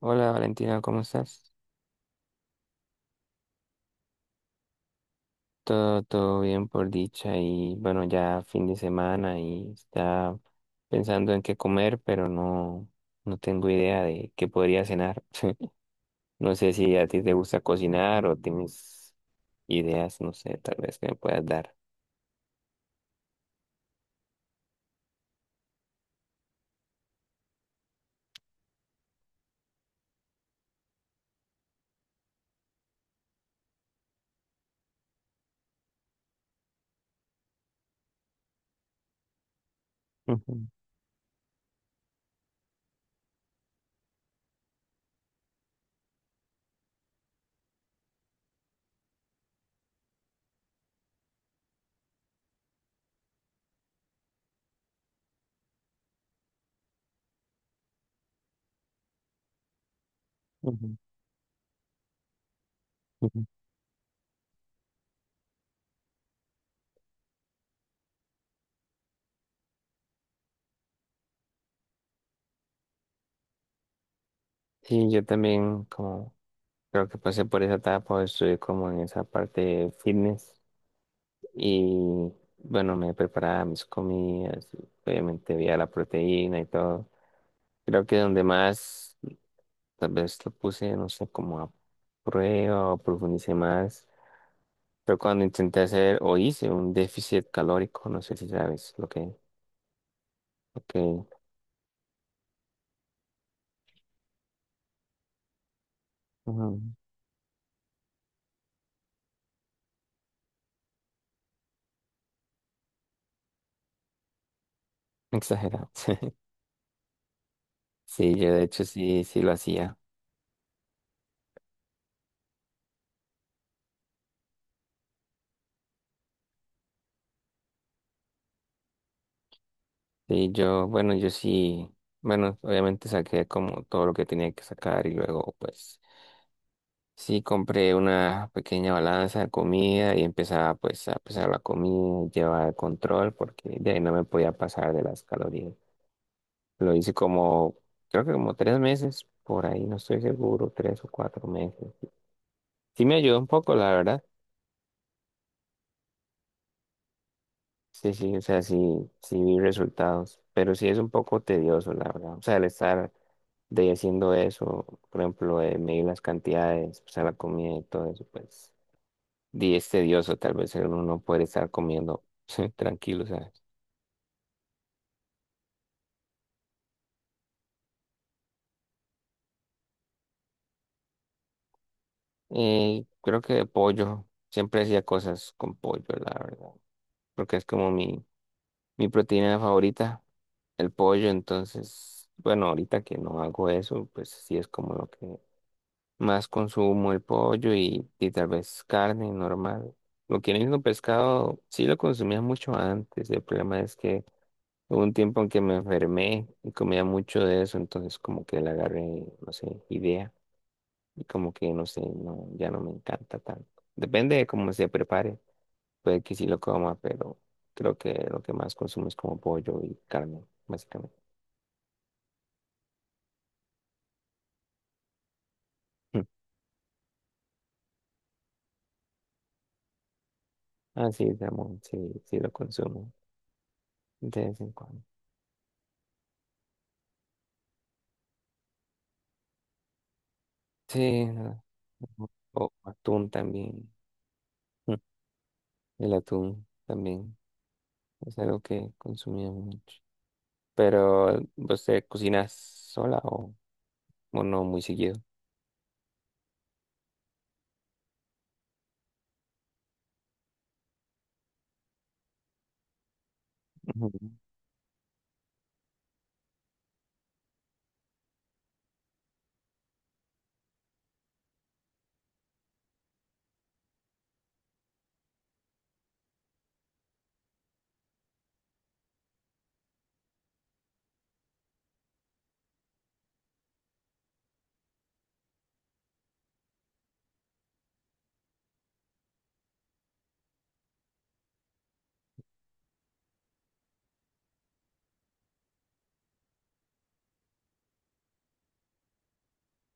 Hola Valentina, ¿cómo estás? Todo, todo bien por dicha y bueno, ya fin de semana y está pensando en qué comer, pero no, no tengo idea de qué podría cenar. No sé si a ti te gusta cocinar o tienes ideas, no sé, tal vez que me puedas dar. Ujú, ujú, ujú. Sí, yo también como creo que pasé por esa etapa, estuve como en esa parte de fitness. Y bueno, me preparaba mis comidas y obviamente veía la proteína y todo. Creo que donde más, tal vez lo puse, no sé, como a prueba o profundicé más, pero cuando intenté hacer o hice un déficit calórico, no sé si sabes lo que, lo que, ujú, exagerado. Sí, yo de hecho sí, sí lo hacía. Sí, yo, bueno, yo sí, bueno, obviamente saqué como todo lo que tenía que sacar, y luego pues sí, compré una pequeña balanza de comida y empezaba pues a pesar la comida, llevaba el control porque de ahí no me podía pasar de las calorías. Lo hice como, creo que como 3 meses, por ahí no estoy seguro, 3 o 4 meses. Sí me ayudó un poco, la verdad. Sí, sí, o sea, sí, sí vi resultados, pero sí es un poco tedioso, la verdad. O sea, el estar de haciendo eso, por ejemplo, de medir las cantidades, pesar la comida y todo eso, pues. Di es tedioso, tal vez uno no puede estar comiendo tranquilo, ¿sabes? Y creo que de pollo, siempre hacía cosas con pollo, la verdad, porque es como mi, proteína favorita, el pollo. Entonces, bueno, ahorita que no hago eso, pues sí es como lo que más consumo el pollo y, tal vez carne normal. Lo que viene siendo pescado, sí lo consumía mucho antes. El problema es que hubo un tiempo en que me enfermé y comía mucho de eso, entonces como que le agarré, no sé, idea, y como que, no sé, no, ya no me encanta tanto. Depende de cómo se prepare, puede que sí lo coma, pero creo que lo que más consumo es como pollo y carne, básicamente. Mm. Ah, sí, salmón, sí, sí lo consumo de vez en cuando. Sí, no, no, o atún también. Mm. El atún también es algo que consumía mucho. Pero, ¿vos te cocinas sola o...? O no muy seguido. Ujú.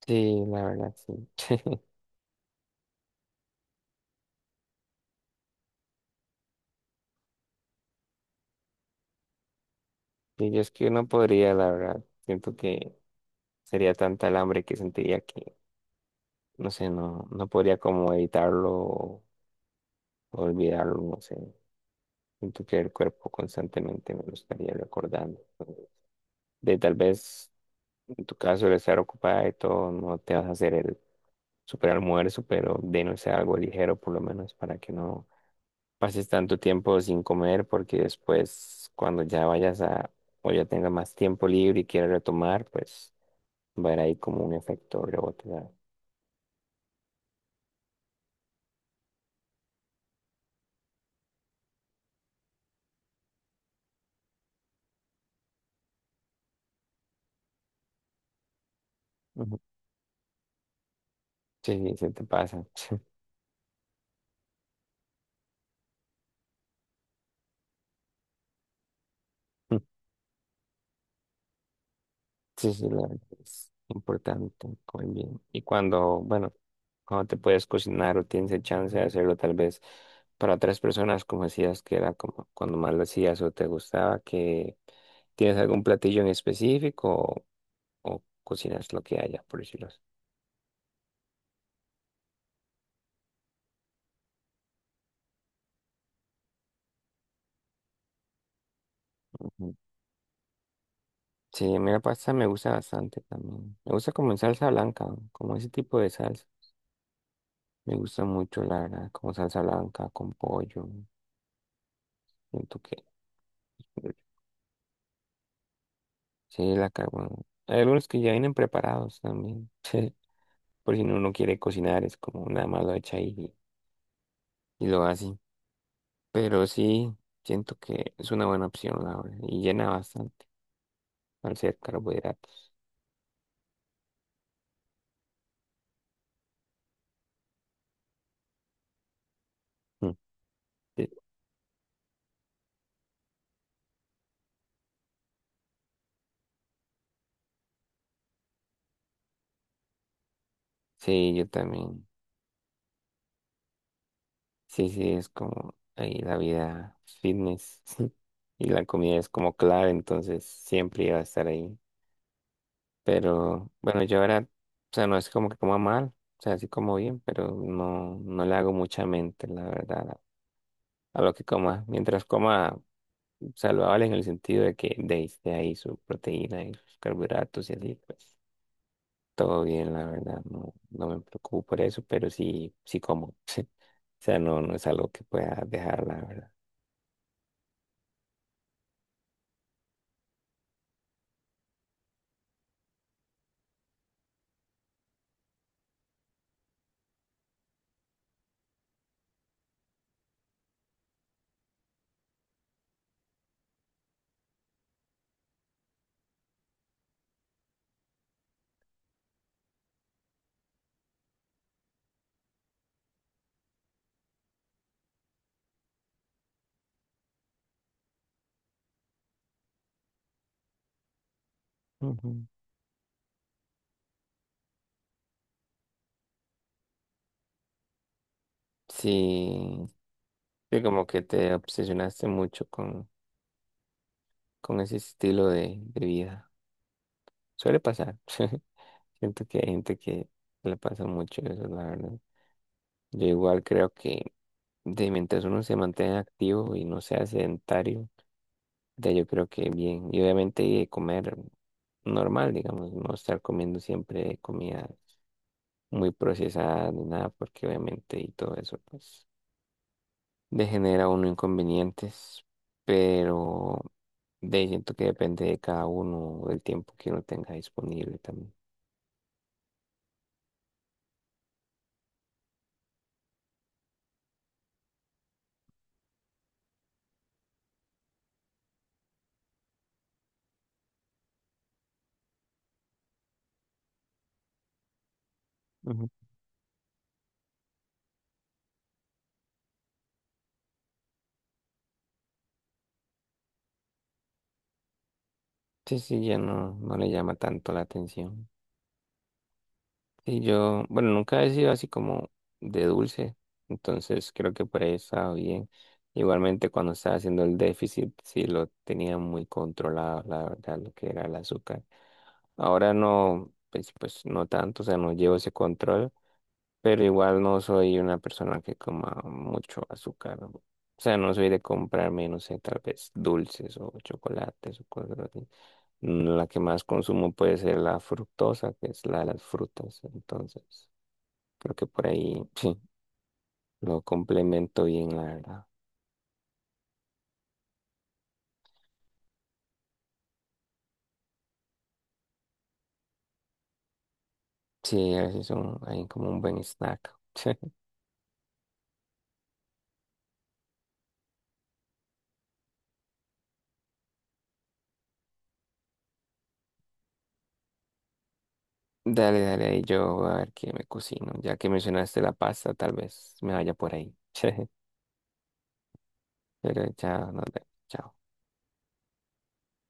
Sí, la verdad, sí. Sí, yo es que no podría, la verdad. Siento que sería tanta el hambre que sentiría que, no sé, no, no podría como evitarlo o olvidarlo, no sé. Siento que el cuerpo constantemente me lo estaría recordando. De tal vez, en tu caso, el estar ocupada y todo, no te vas a hacer el super almuerzo, pero de no ser algo ligero, por lo menos, para que no pases tanto tiempo sin comer, porque después cuando ya vayas a o ya tengas más tiempo libre y quieras retomar, pues va a haber ahí como un efecto rebote, ¿sabes? Ujú. Sí, sí, se te pasa. Sí, sí, la verdad es importante comer bien. Y cuando, bueno, cuando te puedes cocinar o tienes el chance de hacerlo tal vez para otras personas, como decías que era como cuando más lo hacías o te gustaba, ¿que tienes algún platillo en específico o, cocinas lo que haya, por decirlo así? Sí, a mí la pasta me gusta bastante también. Me gusta como en salsa blanca, como ese tipo de salsa. Me gusta mucho, la verdad, como salsa blanca, con pollo. Siento que sí, la carbón. Hay algunos que ya vienen preparados también. Sí. Por si no uno no quiere cocinar, es como nada más lo echa ahí y, lo hace. Pero sí, siento que es una buena opción, la verdad. Y llena bastante al ser carbohidratos. Mm. Sí, sí, yo también. Sí, sí, es como ahí la vida fitness y la comida es como clave, entonces siempre iba a estar ahí. Pero bueno, yo ahora, o sea, no es como que coma mal, o sea, sí como bien, pero no, no le hago mucha mente, la verdad, a lo que coma. Mientras coma saludable en el sentido de que, esté ahí su proteína y sus carbohidratos y así, pues todo bien, la verdad, no, no me preocupo por eso, pero sí, sí como. O sea, no, no es algo que pueda dejar, la verdad. Ujú. Sí, sí, como que te obsesionaste mucho con, ese estilo de, vida. Suele pasar. Siento que hay gente que le pasa mucho eso, la verdad. Yo igual creo que de mientras uno se mantenga activo y no sea sedentario, de yo creo que bien. Y obviamente comer normal, digamos, no estar comiendo siempre comida muy procesada ni nada, porque obviamente y todo eso, pues. Le genera uno inconvenientes, pero de ahí siento que depende de cada uno, del tiempo que uno tenga disponible también. Ujú. Sí, sí, ya no, no le llama tanto la atención. Y yo, bueno, nunca he sido así como de dulce, entonces creo que por ahí estaba bien. Igualmente cuando estaba haciendo el déficit, sí lo tenía muy controlado, la verdad, lo que era el azúcar. Ahora no, pues no tanto, o sea, no llevo ese control. Pero igual no soy una persona que coma mucho azúcar. O sea, no soy de comprarme, no sé, tal vez dulces o chocolates o cosas así. Mm. La que más consumo puede ser la fructosa, que es la de las frutas. Entonces, creo que por ahí sí, lo complemento bien, la verdad. Sí, a veces son ahí como un buen snack. Dale, dale, ahí yo voy a ver qué me cocino. Ya que mencionaste la pasta, tal vez me vaya por ahí. Pero ya nos vemos. Chao.